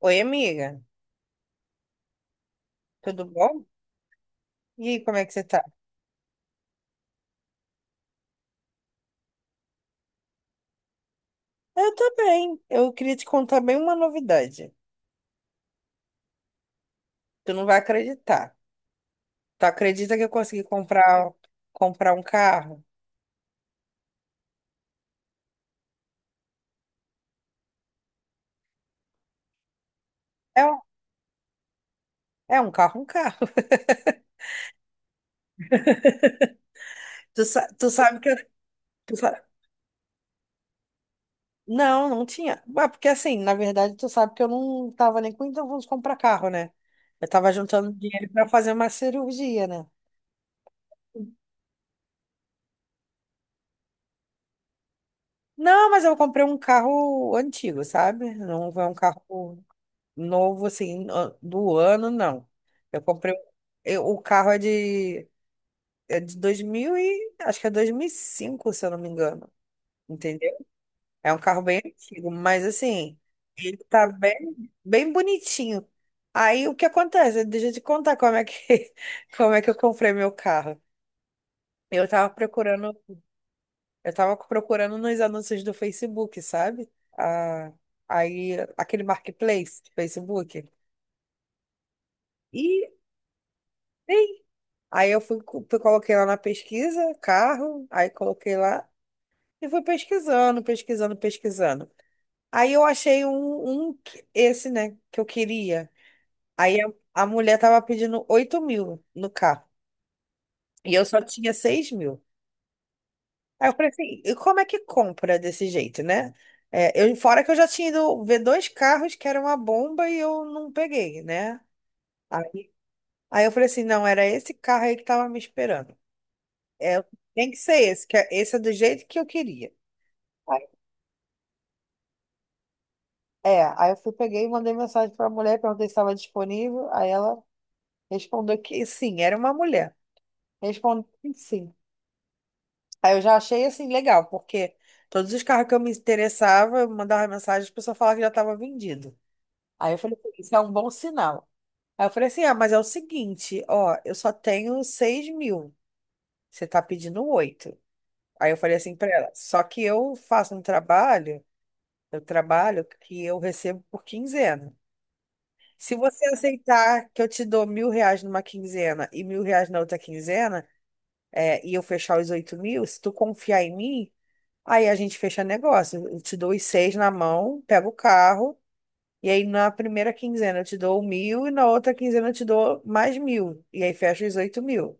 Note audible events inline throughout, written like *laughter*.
Oi, amiga, tudo bom? E aí, como é que você tá? Eu tô bem. Eu queria te contar bem uma novidade. Tu não vai acreditar. Tu acredita que eu consegui comprar um carro? É um, é um carro, um carro. *laughs* Tu sabe que eu. tu sa- Não, não tinha. Ué, porque assim, na verdade, tu sabe que eu não tava nem com intenção de comprar carro, né? Eu tava juntando dinheiro pra fazer uma cirurgia, né? Não, mas eu comprei um carro antigo, sabe? Não é um carro novo assim do ano, não. Eu comprei um, o carro é de 2000 e acho que é 2005 se eu não me engano, entendeu? É um carro bem antigo, mas assim, ele tá bem bem bonitinho. Aí o que acontece? Deixa eu te contar como é que *laughs* como é que eu comprei meu carro. Eu tava procurando, eu tava procurando nos anúncios do Facebook, sabe? Ah, aí aquele marketplace do Facebook. E Aí eu fui, coloquei lá na pesquisa, carro, aí coloquei lá e fui pesquisando, pesquisando, pesquisando. Aí eu achei um, esse, né, que eu queria. Aí a mulher tava pedindo 8.000 no carro e eu só tinha 6.000. Aí eu falei assim, e como é que compra desse jeito, né? É, fora que eu já tinha ido ver dois carros que era uma bomba e eu não peguei, né? Aí, aí, eu falei assim, não, era esse carro aí que tava me esperando. É, tem que ser esse, esse é do jeito que eu queria. Aí- É, aí eu fui, peguei e mandei mensagem para a mulher, perguntei se estava disponível. Aí ela respondeu que sim, era uma mulher. Respondeu que sim. Aí eu já achei assim legal, porque todos os carros que eu me interessava, eu mandava mensagem, a pessoa falava que já estava vendido. Aí eu falei: "Pô, isso é um bom sinal." Aí eu falei assim: ah, mas é o seguinte, ó, eu só tenho 6.000, você tá pedindo 8. Aí eu falei assim para ela: só que eu faço um trabalho. Eu trabalho que eu recebo por quinzena. Se você aceitar que eu te dou 1.000 reais numa quinzena e 1.000 reais na outra quinzena, é, e eu fechar os 8.000, se tu confiar em mim, aí a gente fecha negócio. Eu te dou os seis na mão, pego o carro, e aí na primeira quinzena eu te dou 1.000 e na outra quinzena eu te dou mais 1.000. E aí fecha os 8.000.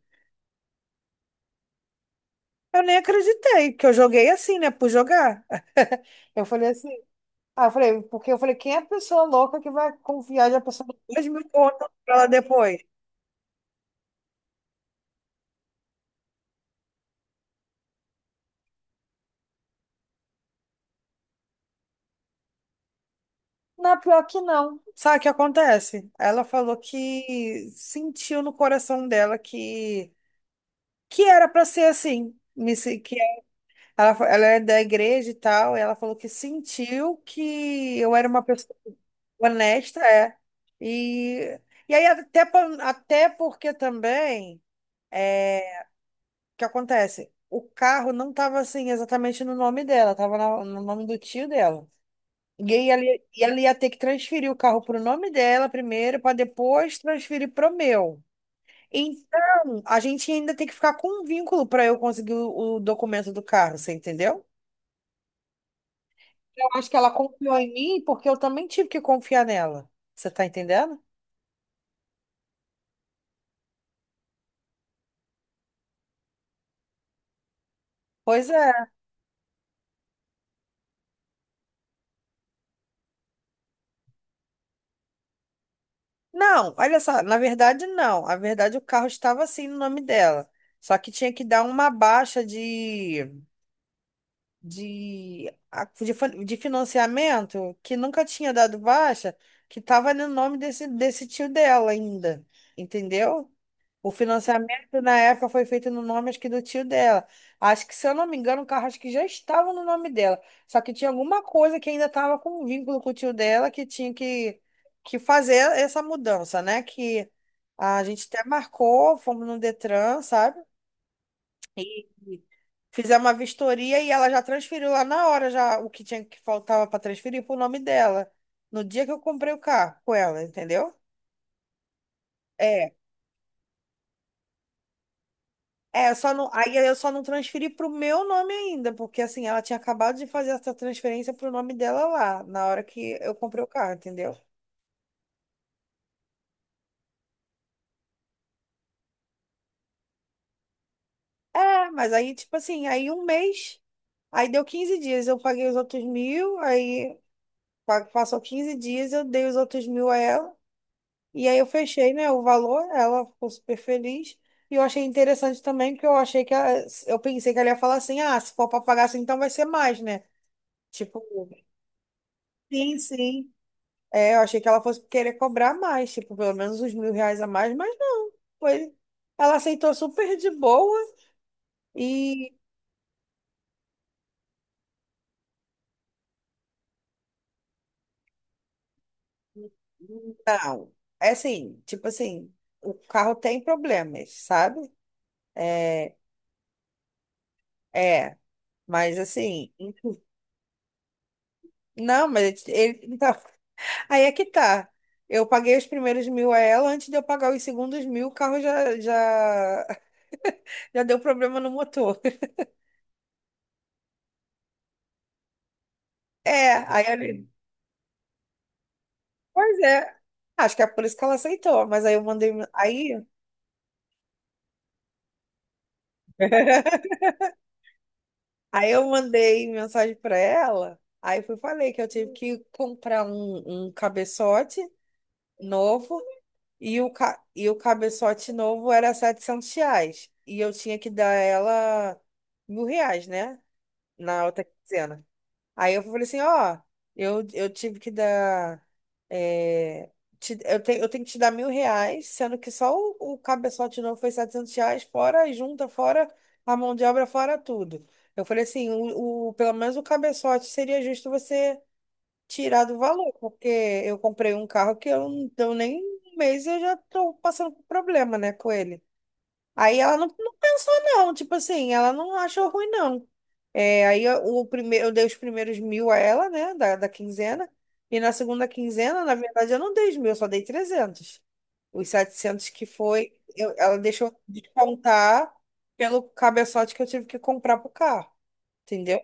Eu nem acreditei, porque eu joguei assim, né? Por jogar. *laughs* Eu falei assim, aí eu falei, porque eu falei, quem é a pessoa louca que vai confiar de uma pessoa de 2.000 contas pra ela depois? Na pior que não. Sabe o que acontece? Ela falou que sentiu no coração dela que era pra ser assim. Me se- Que ela é da igreja e tal, e ela falou que sentiu que eu era uma pessoa honesta, é. E, e, aí até, até porque também. Que acontece? O carro não estava assim exatamente no nome dela, estava no nome do tio dela. E aí ela ia ter que transferir o carro para o nome dela primeiro, para depois transferir para o meu. Então, a gente ainda tem que ficar com um vínculo para eu conseguir o documento do carro, você entendeu? Eu acho que ela confiou em mim porque eu também tive que confiar nela. Você tá entendendo? Pois é. Não, olha só, na verdade não. Na verdade o carro estava assim no nome dela. Só que tinha que dar uma baixa de, a- de, fa- de financiamento que nunca tinha dado baixa, que estava no nome desse tio dela ainda, entendeu? O financiamento na época foi feito no nome, acho que do tio dela. Acho que, se eu não me engano, o carro acho que já estava no nome dela. Só que tinha alguma coisa que ainda estava com vínculo com o tio dela que tinha que fazer essa mudança, né? Que a gente até marcou, fomos no Detran, sabe? Fizemos uma vistoria e ela já transferiu lá na hora já o que tinha que faltava para transferir pro nome dela. No dia que eu comprei o carro com ela, entendeu? É. É, eu só não, aí eu só não transferi pro meu nome ainda, porque assim, ela tinha acabado de fazer essa transferência pro nome dela lá, na hora que eu comprei o carro, entendeu? É, mas aí, tipo assim, aí um mês, aí deu 15 dias, eu paguei os outros 1.000, aí passou 15 dias, eu dei os outros 1.000 a ela. E aí eu fechei, né, o valor, ela ficou super feliz. E eu achei interessante também, porque eu achei eu pensei que ela ia falar assim, ah, se for para pagar assim, então vai ser mais, né? Tipo, sim, sim. É, eu achei que ela fosse querer cobrar mais, tipo, pelo menos uns 1.000 reais a mais, mas não. Foi... Ela aceitou super de boa e não. É assim, tipo assim, o carro tem problemas, sabe? É, é, mas assim, não, mas ele, então, aí é que tá. Eu paguei os primeiros 1.000 a ela, antes de eu pagar os segundos 1.000, o carro já, já, *laughs* já deu problema no motor. *laughs* É, aí eu... Pois é. Acho que é por isso que ela aceitou, mas aí eu mandei. Aí, *laughs* aí eu mandei mensagem pra ela. Aí fui falei que eu tive que comprar um cabeçote novo e o cabeçote novo era 700 reais. E eu tinha que dar ela 1.000 reais, né? Na outra quinzena. Aí eu falei assim, ó, eu tive que dar. É, tenho que te dar 1.000 reais, sendo que só o cabeçote novo foi 700 reais, fora a junta, fora a mão de obra, fora tudo. Eu falei assim, pelo menos o cabeçote seria justo você tirar do valor, porque eu comprei um carro que eu nem um mês eu já tô passando por problema, né, com ele. Aí ela não, não pensou, não. Tipo assim, ela não achou ruim, não. É, o primeiro, eu dei os primeiros 1.000 a ela, né, da quinzena. E na segunda quinzena, na verdade, eu não dei os 1.000, eu só dei 300. Os 700 que foi, ela deixou eu descontar pelo cabeçote que eu tive que comprar pro carro, entendeu?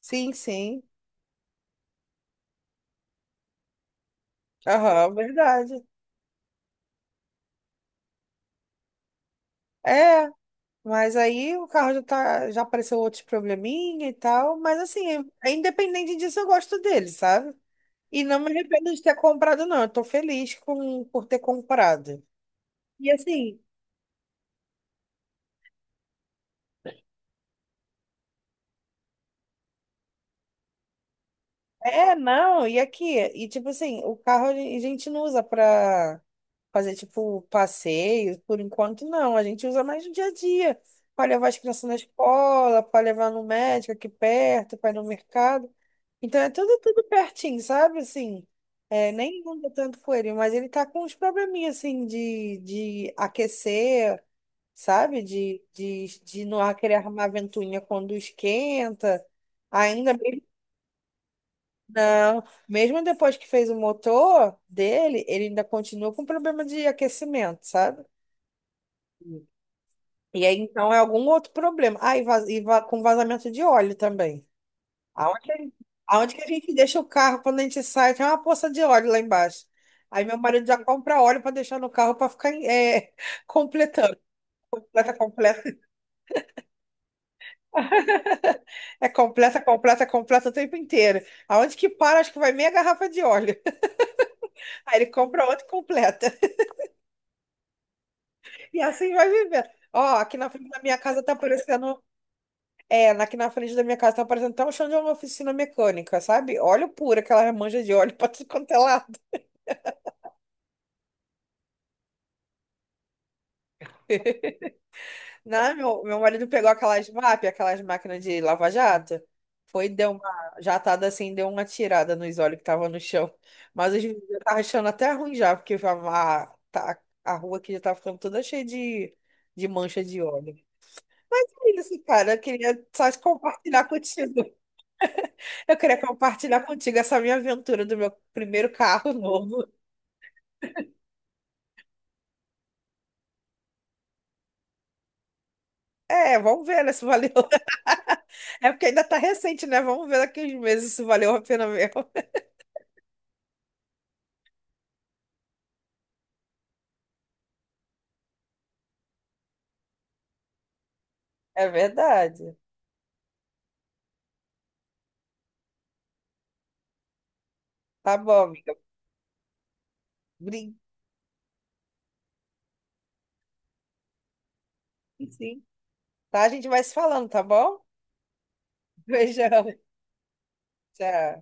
Sim, sim. Aham, verdade. É, mas aí o carro já tá, já apareceu outros probleminha e tal, mas assim, é independente disso, eu gosto dele, sabe? E não me arrependo de ter comprado, não. Eu tô feliz com, por ter comprado. E assim, é, não, e aqui? E tipo assim, o carro a gente não usa pra fazer tipo passeio, por enquanto não. A gente usa mais no dia a dia, pra levar as crianças na escola, pra levar no médico aqui perto, pra ir no mercado. Então é tudo, tudo pertinho, sabe? Assim, é, nem anda tanto com ele, mas ele tá com uns probleminhas assim de aquecer. Sabe? De não querer arrumar ventoinha quando esquenta. Ainda mesmo, não. Mesmo depois que fez o motor dele, ele ainda continua com problema de aquecimento, sabe? E aí, então, é algum outro problema. Ah, com vazamento de óleo também. Aonde, aonde que a gente deixa o carro quando a gente sai? Tem uma poça de óleo lá embaixo. Aí meu marido já compra óleo para deixar no carro para ficar *laughs* completando. Completa, completa. É completa, completa, completa o tempo inteiro. Aonde que para, acho que vai meia garrafa de óleo. *laughs* Aí ele compra outra e completa. E assim vai vivendo. Ó, aqui na frente da minha casa tá aparecendo. É, aqui na frente da minha casa tá aparecendo até um chão de uma oficina mecânica, sabe? Óleo puro, aquela manja de óleo *laughs* pra tudo quanto é lado. Não, meu marido pegou aquelas MAP, aquelas máquinas de lava-jato. Foi, deu uma jatada assim, deu uma tirada nos olhos que tava no chão. Mas os meninos já tava achando até ruim já, porque a rua aqui já tava ficando toda cheia de mancha de óleo. É isso, cara, eu queria só te compartilhar contigo. Eu queria compartilhar contigo essa minha aventura do meu primeiro carro novo. É, vamos ver, né, se valeu. *laughs* É porque ainda tá recente, né? Vamos ver daqui uns meses se valeu a pena mesmo. É verdade. Tá bom, amiga. Brinque, sim. Tá? A gente vai se falando, tá bom? *laughs* Beijão. Tchau.